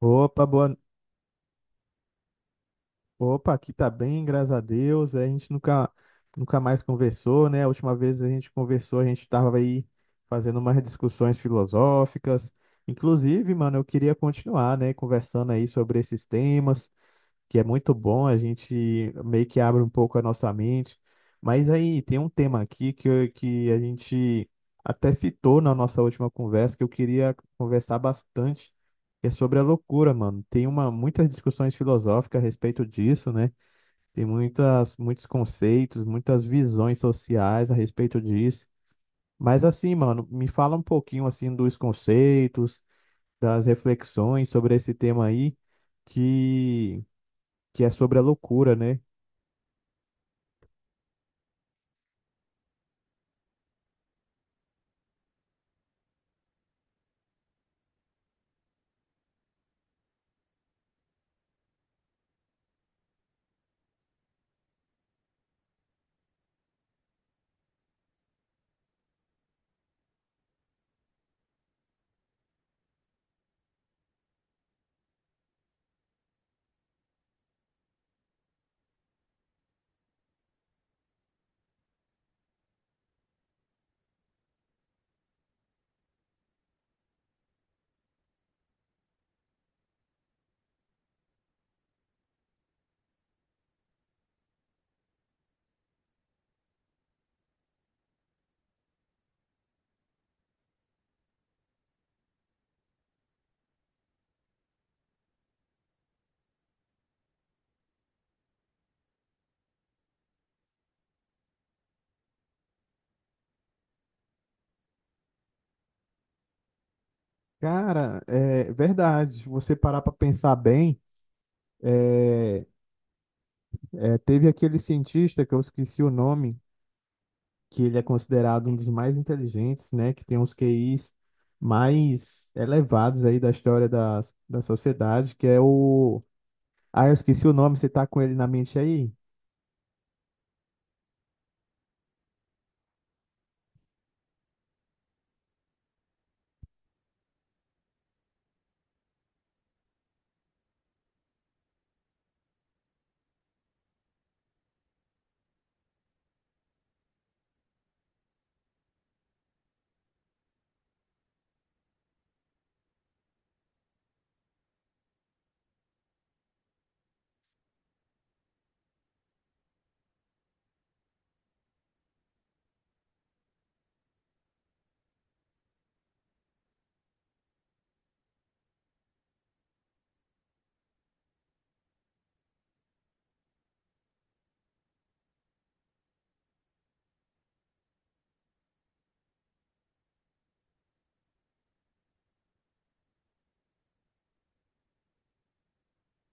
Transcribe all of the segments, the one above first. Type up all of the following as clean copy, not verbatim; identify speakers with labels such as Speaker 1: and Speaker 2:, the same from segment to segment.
Speaker 1: Opa, boa... Opa, aqui tá bem, graças a Deus. É, A gente nunca, nunca mais conversou, né? A última vez a gente conversou, a gente tava aí fazendo umas discussões filosóficas. Inclusive, mano, eu queria continuar, né, conversando aí sobre esses temas que é muito bom, a gente meio que abre um pouco a nossa mente. Mas aí tem um tema aqui que, que a gente até citou na nossa última conversa, que eu queria conversar bastante, que é sobre a loucura, mano. Muitas discussões filosóficas a respeito disso, né? Muitos conceitos, muitas visões sociais a respeito disso. Mas assim, mano, me fala um pouquinho assim dos conceitos, das reflexões sobre esse tema aí, que, que é sobre a loucura, né? Cara, é verdade. Se você parar para pensar bem, é, teve aquele cientista que eu esqueci o nome, que ele é considerado um dos mais inteligentes, né? Que tem os QIs mais elevados aí da história da sociedade, que é o... Ah, eu esqueci o nome, você tá com ele na mente aí?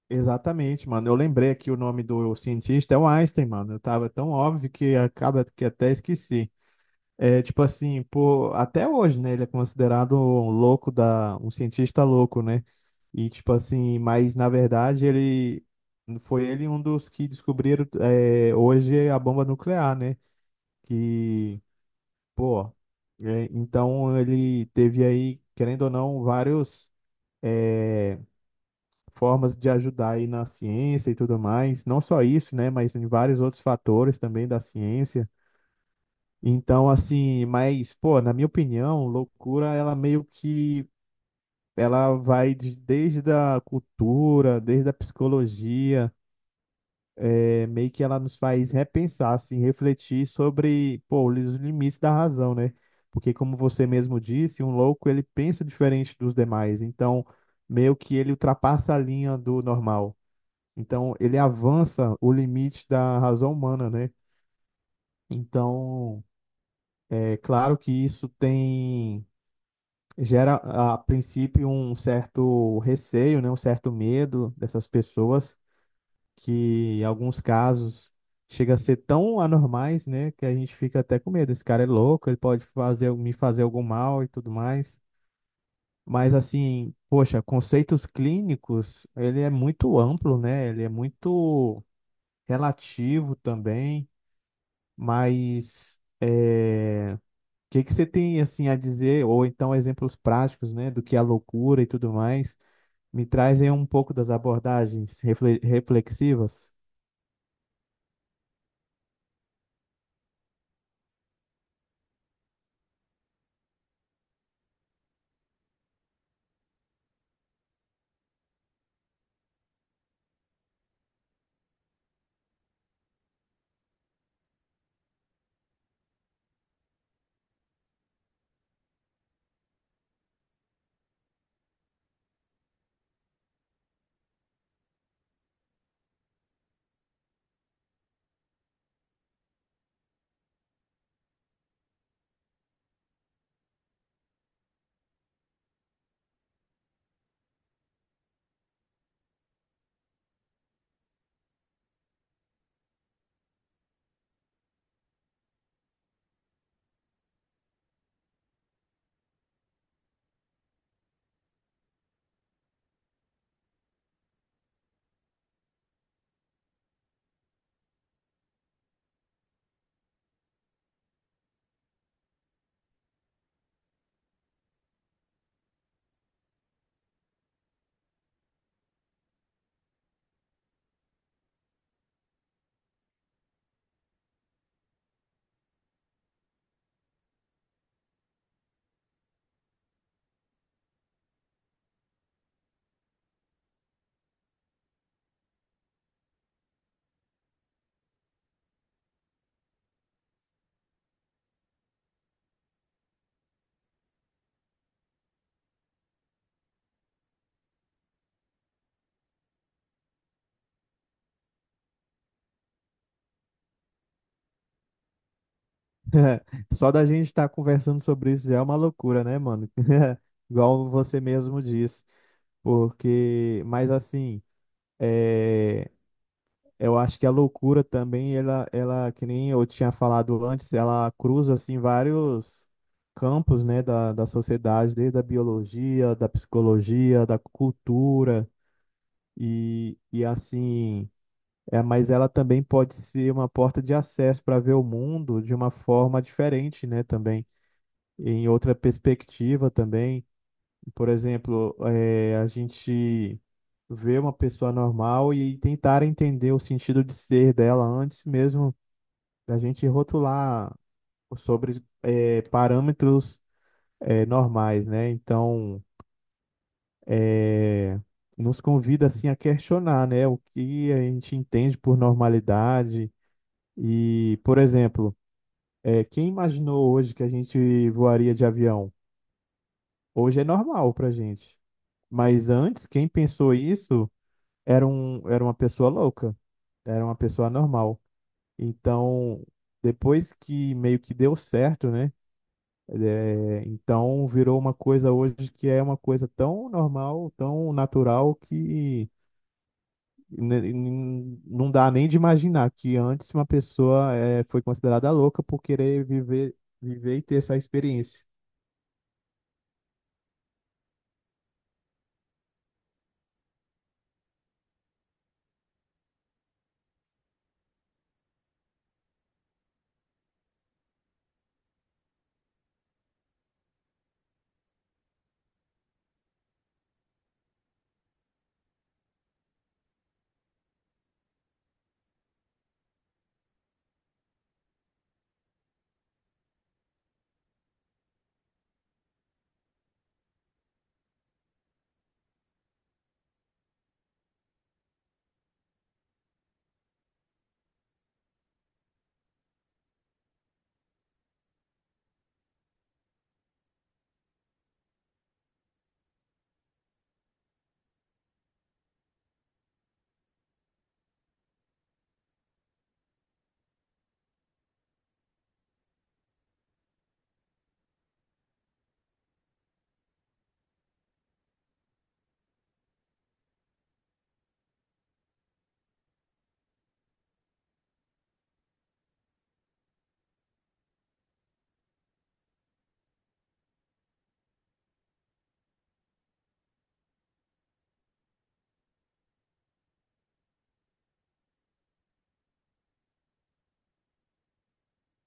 Speaker 1: Exatamente, mano. Eu lembrei aqui o nome do cientista, é o Einstein, mano. Eu tava tão óbvio que acaba que até esqueci. É, tipo assim, por, até hoje, né, ele é considerado um louco um cientista louco, né? E tipo assim, mas na verdade ele foi ele um dos que descobriram hoje a bomba nuclear, né? Que, pô, então ele teve aí, querendo ou não, vários eh, formas de ajudar aí na ciência e tudo mais. Não só isso, né? Mas em vários outros fatores também da ciência. Então, assim, mas, pô, na minha opinião, loucura, ela meio que... Ela vai desde a cultura, desde a psicologia, meio que ela nos faz repensar, assim, refletir sobre, pô, os limites da razão, né? Porque, como você mesmo disse, um louco ele pensa diferente dos demais, então meio que ele ultrapassa a linha do normal. Então, ele avança o limite da razão humana, né? Então, é claro que isso tem gera a princípio um certo receio, né, um certo medo dessas pessoas, que em alguns casos chega a ser tão anormais, né, que a gente fica até com medo. Esse cara é louco, ele pode fazer me fazer algum mal e tudo mais. Mas assim, poxa, conceitos clínicos, ele é muito amplo, né? Ele é muito relativo também, mas é... o que você tem assim a dizer, ou então exemplos práticos, né, do que é a loucura e tudo mais? Me trazem um pouco das abordagens reflexivas. Só da gente estar conversando sobre isso já é uma loucura, né, mano? Igual você mesmo disse. Porque, mas assim, é, eu acho que a loucura também, que nem eu tinha falado antes, ela cruza assim vários campos, né, da sociedade, desde a biologia, da psicologia, da cultura e assim, mas ela também pode ser uma porta de acesso para ver o mundo de uma forma diferente, né, também em outra perspectiva também. Por exemplo, a gente ver uma pessoa normal e tentar entender o sentido de ser dela antes mesmo da gente rotular sobre parâmetros normais, né? Então, eh, nos convida assim a questionar, né, o que a gente entende por normalidade e, por exemplo, quem imaginou hoje que a gente voaria de avião? Hoje é normal para gente. Mas antes, quem pensou isso era uma pessoa louca, era uma pessoa normal. Então, depois que meio que deu certo, né? É, então virou uma coisa hoje que é uma coisa tão normal, tão natural que não dá nem de imaginar que antes uma pessoa foi considerada louca por querer viver, viver e ter essa experiência.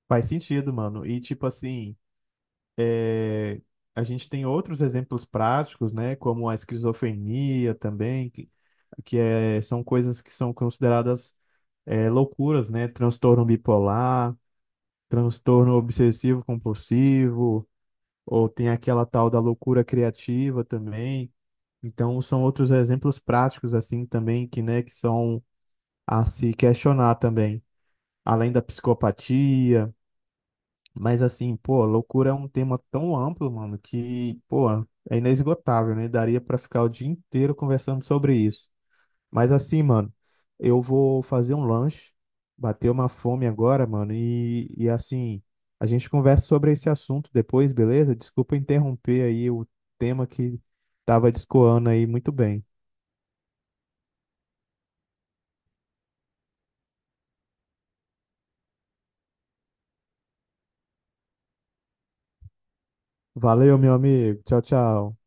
Speaker 1: Faz sentido, mano. E tipo assim. É, a gente tem outros exemplos práticos, né, como a esquizofrenia também, são coisas que são consideradas loucuras, né, transtorno bipolar, transtorno obsessivo compulsivo, ou tem aquela tal da loucura criativa também. Então, são outros exemplos práticos, assim, também, que, né, que são a se questionar também, além da psicopatia. Mas assim, pô, loucura é um tema tão amplo, mano, que, pô, é inesgotável, né? Daria pra ficar o dia inteiro conversando sobre isso. Mas assim, mano, eu vou fazer um lanche, bater uma fome agora, mano, e assim, a gente conversa sobre esse assunto depois, beleza? Desculpa interromper aí o tema que tava discoando aí muito bem. Valeu, meu amigo. Tchau, tchau.